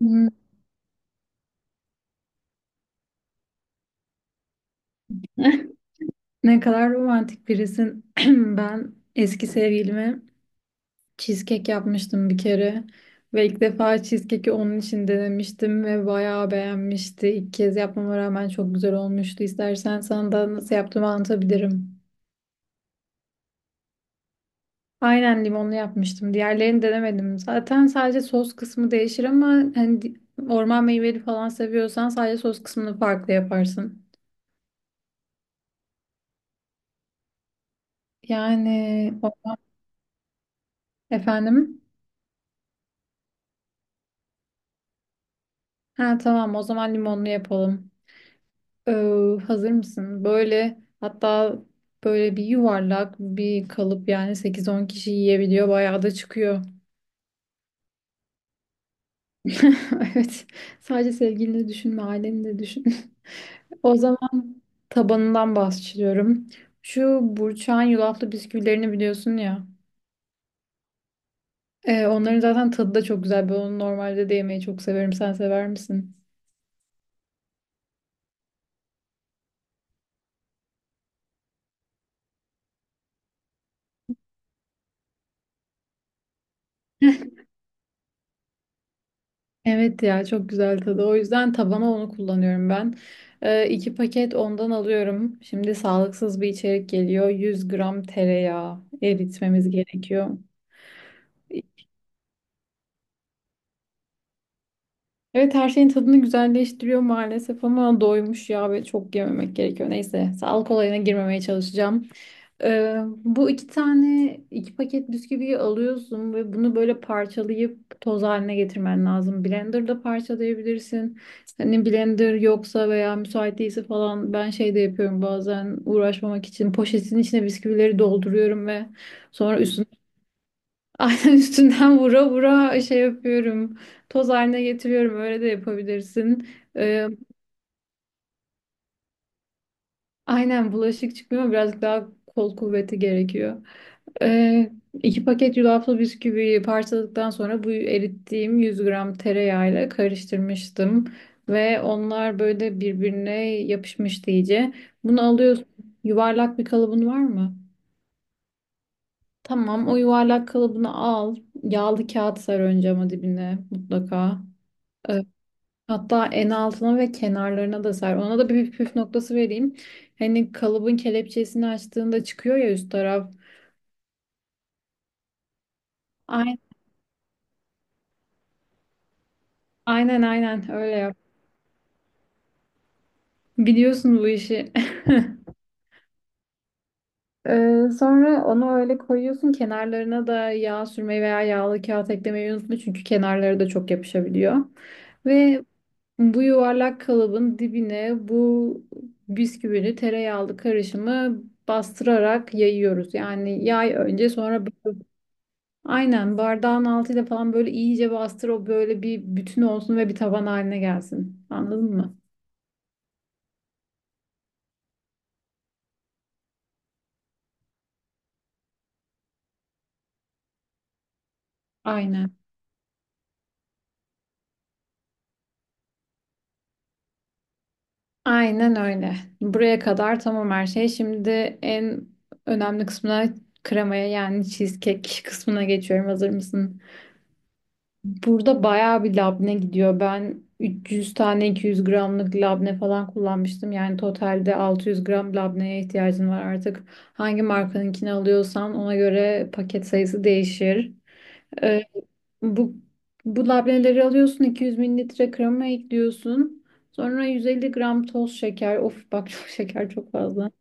Hmm. Ne kadar romantik birisin. Ben eski sevgilime cheesecake yapmıştım bir kere. Ve ilk defa cheesecake'i onun için denemiştim ve bayağı beğenmişti. İlk kez yapmama rağmen çok güzel olmuştu. İstersen sana da nasıl yaptığımı anlatabilirim. Aynen limonlu yapmıştım. Diğerlerini denemedim. Zaten sadece sos kısmı değişir ama hani di- orman meyveli falan seviyorsan sadece sos kısmını farklı yaparsın. Yani o- Efendim? Ha tamam, o zaman limonlu yapalım. Hazır mısın? Böyle hatta böyle bir yuvarlak bir kalıp, yani 8-10 kişi yiyebiliyor. Bayağı da çıkıyor. Evet. Sadece sevgilini düşünme, aileni de düşün. O zaman tabanından bahsediyorum. Şu burçağın yulaflı bisküvilerini biliyorsun ya. Onların zaten tadı da çok güzel. Ben onu normalde de yemeyi çok severim. Sen sever misin? Evet ya, çok güzel tadı. O yüzden tabana onu kullanıyorum ben. İki paket ondan alıyorum. Şimdi sağlıksız bir içerik geliyor. 100 gram tereyağı eritmemiz gerekiyor. Evet, her şeyin tadını güzelleştiriyor maalesef ama doymuş ya ve çok yememek gerekiyor. Neyse, sağlık olayına girmemeye çalışacağım. Bu iki tane iki paket bisküviyi alıyorsun ve bunu böyle parçalayıp toz haline getirmen lazım. Blender'da parçalayabilirsin. Hani blender yoksa veya müsait değilse falan ben şey de yapıyorum bazen, uğraşmamak için poşetin içine bisküvileri dolduruyorum ve sonra üstüne aynen üstünden vura vura şey yapıyorum. Toz haline getiriyorum, öyle de yapabilirsin. Aynen bulaşık çıkmıyor ama birazcık daha kol kuvveti gerekiyor. Ee, iki paket yulaflı bisküvi parçaladıktan sonra bu erittiğim 100 gram tereyağıyla karıştırmıştım. Ve onlar böyle birbirine yapışmıştı iyice. Bunu alıyorsun. Yuvarlak bir kalıbın var mı? Tamam, o yuvarlak kalıbını al. Yağlı kağıt sar önce ama dibine mutlaka. Ee, Hatta en altına ve kenarlarına da ser. Ona da bir püf noktası vereyim. Hani kalıbın kelepçesini açtığında çıkıyor ya üst taraf. Aynen aynen, öyle yap. Biliyorsun bu işi. Sonra onu öyle koyuyorsun. Kenarlarına da yağ sürmeyi veya yağlı kağıt eklemeyi unutma. Çünkü kenarları da çok yapışabiliyor. Ve bu yuvarlak kalıbın dibine bisküvili tereyağlı karışımı bastırarak yayıyoruz. Yani yay önce, sonra bas. Aynen, bardağın altıyla falan böyle iyice bastır, o böyle bir bütün olsun ve bir taban haline gelsin. Anladın mı? Aynen. Aynen öyle. Buraya kadar tamam her şey. Şimdi en önemli kısmına, kremaya, yani cheesecake kısmına geçiyorum. Hazır mısın? Burada bayağı bir labne gidiyor. Ben 300 tane 200 gramlık labne falan kullanmıştım. Yani totalde 600 gram labneye ihtiyacın var artık. Hangi markanınkini alıyorsan ona göre paket sayısı değişir. Ee, Bu, bu labneleri alıyorsun, 200 mililitre krema ekliyorsun. Sonra 150 gram toz şeker. Of bak çok şeker, çok fazla.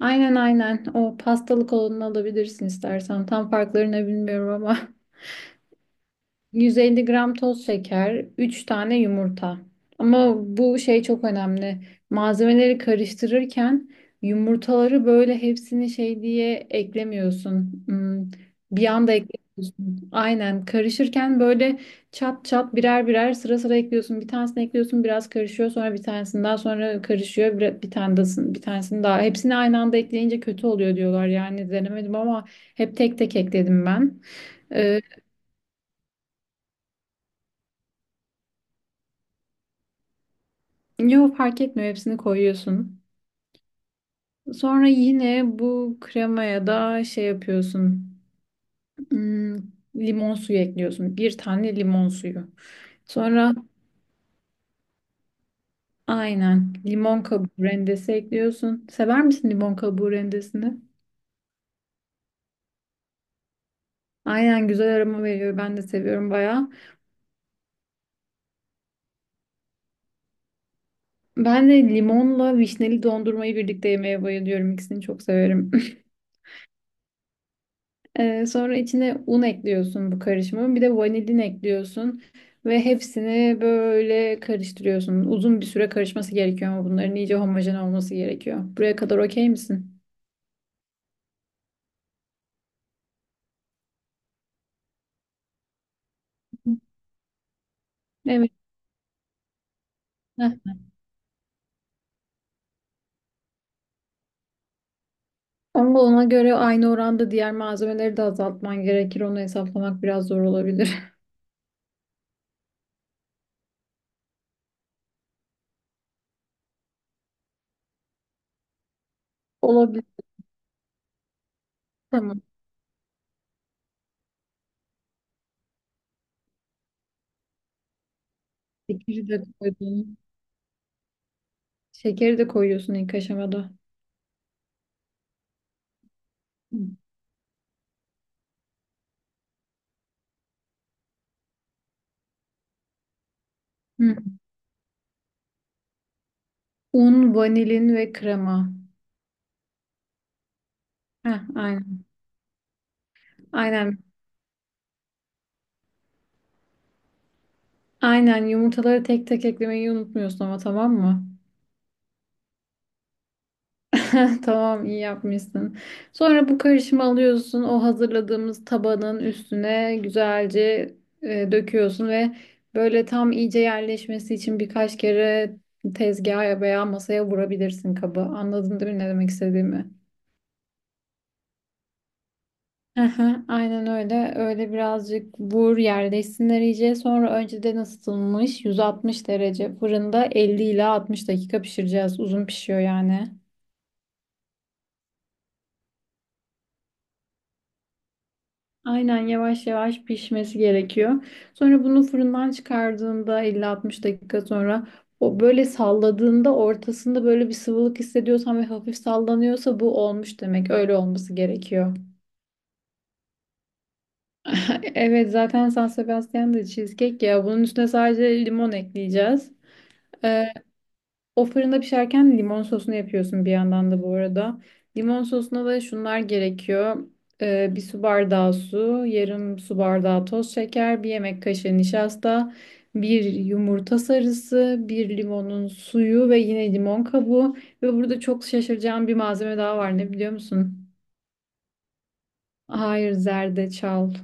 Aynen. O pastalık olanını alabilirsin istersen. Tam farklarını bilmiyorum ama. 150 gram toz şeker, 3 tane yumurta. Ama bu şey çok önemli. Malzemeleri karıştırırken yumurtaları böyle hepsini şey diye eklemiyorsun. Bir anda eklemiyorsun. Aynen, karışırken böyle çat çat birer birer sıra sıra ekliyorsun. Bir tanesini ekliyorsun, biraz karışıyor, sonra bir tanesini daha, sonra karışıyor, bir tanesini daha. Hepsini aynı anda ekleyince kötü oluyor diyorlar, yani denemedim ama hep tek tek ekledim ben. Ee, Yok, fark etmiyor, hepsini koyuyorsun. Sonra yine bu kremaya da şey yapıyorsun. Hmm, Limon suyu ekliyorsun. Bir tane limon suyu. Sonra aynen limon kabuğu rendesi ekliyorsun. Sever misin limon kabuğu rendesini? Aynen, güzel aroma veriyor. Ben de seviyorum bayağı. Ben de limonla vişneli dondurmayı birlikte yemeye bayılıyorum. İkisini çok severim. Sonra içine un ekliyorsun bu karışımın. Bir de vanilin ekliyorsun. Ve hepsini böyle karıştırıyorsun. Uzun bir süre karışması gerekiyor ama bunların iyice homojen olması gerekiyor. Buraya kadar okey misin? Evet. Heh. Ama ona göre aynı oranda diğer malzemeleri de azaltman gerekir. Onu hesaplamak biraz zor olabilir. Olabilir. Tamam. Şekeri de koydun. Şekeri de koyuyorsun ilk aşamada. Hı. Hı. Un, vanilin ve krema. Heh, aynen. Aynen. Aynen, yumurtaları tek tek eklemeyi unutmuyorsun ama, tamam mı? Tamam, iyi yapmışsın. Sonra bu karışımı alıyorsun. O hazırladığımız tabanın üstüne güzelce döküyorsun ve böyle tam iyice yerleşmesi için birkaç kere tezgaha veya masaya vurabilirsin kabı. Anladın değil mi ne demek istediğimi? Aha, aynen öyle. Öyle birazcık vur, yerleşsinler iyice. Sonra önceden ısıtılmış 160 derece fırında 50 ila 60 dakika pişireceğiz. Uzun pişiyor yani. Aynen, yavaş yavaş pişmesi gerekiyor. Sonra bunu fırından çıkardığında, 50-60 dakika sonra, o böyle salladığında ortasında böyle bir sıvılık hissediyorsan ve hafif sallanıyorsa bu olmuş demek. Öyle olması gerekiyor. Evet, zaten San Sebastian da cheesecake ya. Bunun üstüne sadece limon ekleyeceğiz. Ee, O fırında pişerken limon sosunu yapıyorsun bir yandan da bu arada. Limon sosuna da şunlar gerekiyor. Bir su bardağı su, yarım su bardağı toz şeker, bir yemek kaşığı nişasta, bir yumurta sarısı, bir limonun suyu ve yine limon kabuğu. Ve burada çok şaşıracağım bir malzeme daha var. Ne biliyor musun? Hayır, zerdeçal.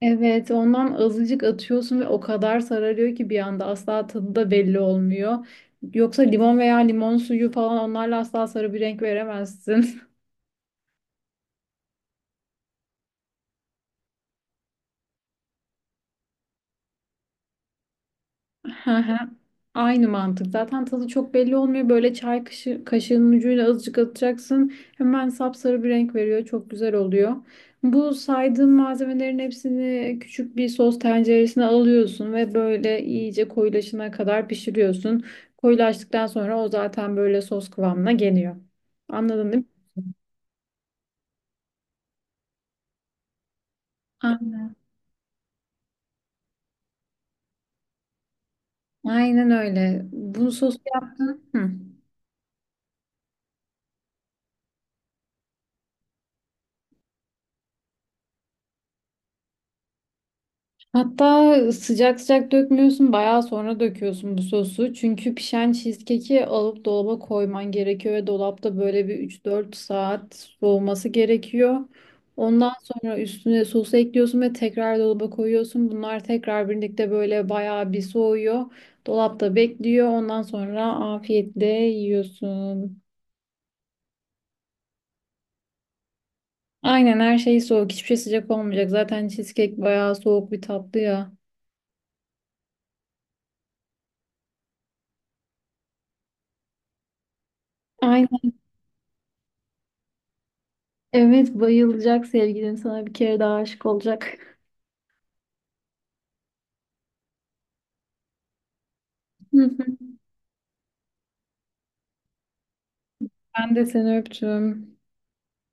Evet, ondan azıcık atıyorsun ve o kadar sararıyor ki bir anda, asla tadı da belli olmuyor. Yoksa limon veya limon suyu falan, onlarla asla sarı bir renk veremezsin. Hı hı. Aynı mantık. Zaten tadı çok belli olmuyor. Böyle çay kaşı, kaşığının ucuyla azıcık atacaksın. Hemen sapsarı bir renk veriyor. Çok güzel oluyor. Bu saydığım malzemelerin hepsini küçük bir sos tenceresine alıyorsun ve böyle iyice koyulaşana kadar pişiriyorsun. Koyulaştıktan sonra o zaten böyle sos kıvamına geliyor. Anladın değil mi? A- Aynen öyle. Bunu sos yaptın. Hı. Hatta sıcak sıcak dökmüyorsun, bayağı sonra döküyorsun bu sosu. Çünkü pişen cheesecake'i alıp dolaba koyman gerekiyor ve dolapta böyle bir 3-4 saat soğuması gerekiyor. Ondan sonra üstüne sosu ekliyorsun ve tekrar dolaba koyuyorsun. Bunlar tekrar birlikte böyle bayağı bir soğuyor. Dolapta bekliyor. Ondan sonra afiyetle yiyorsun. Aynen, her şey soğuk. Hiçbir şey sıcak olmayacak. Zaten cheesecake bayağı soğuk bir tatlı ya. Evet, bayılacak sevgilin, sana bir kere daha aşık olacak. Ben de seni öptüm.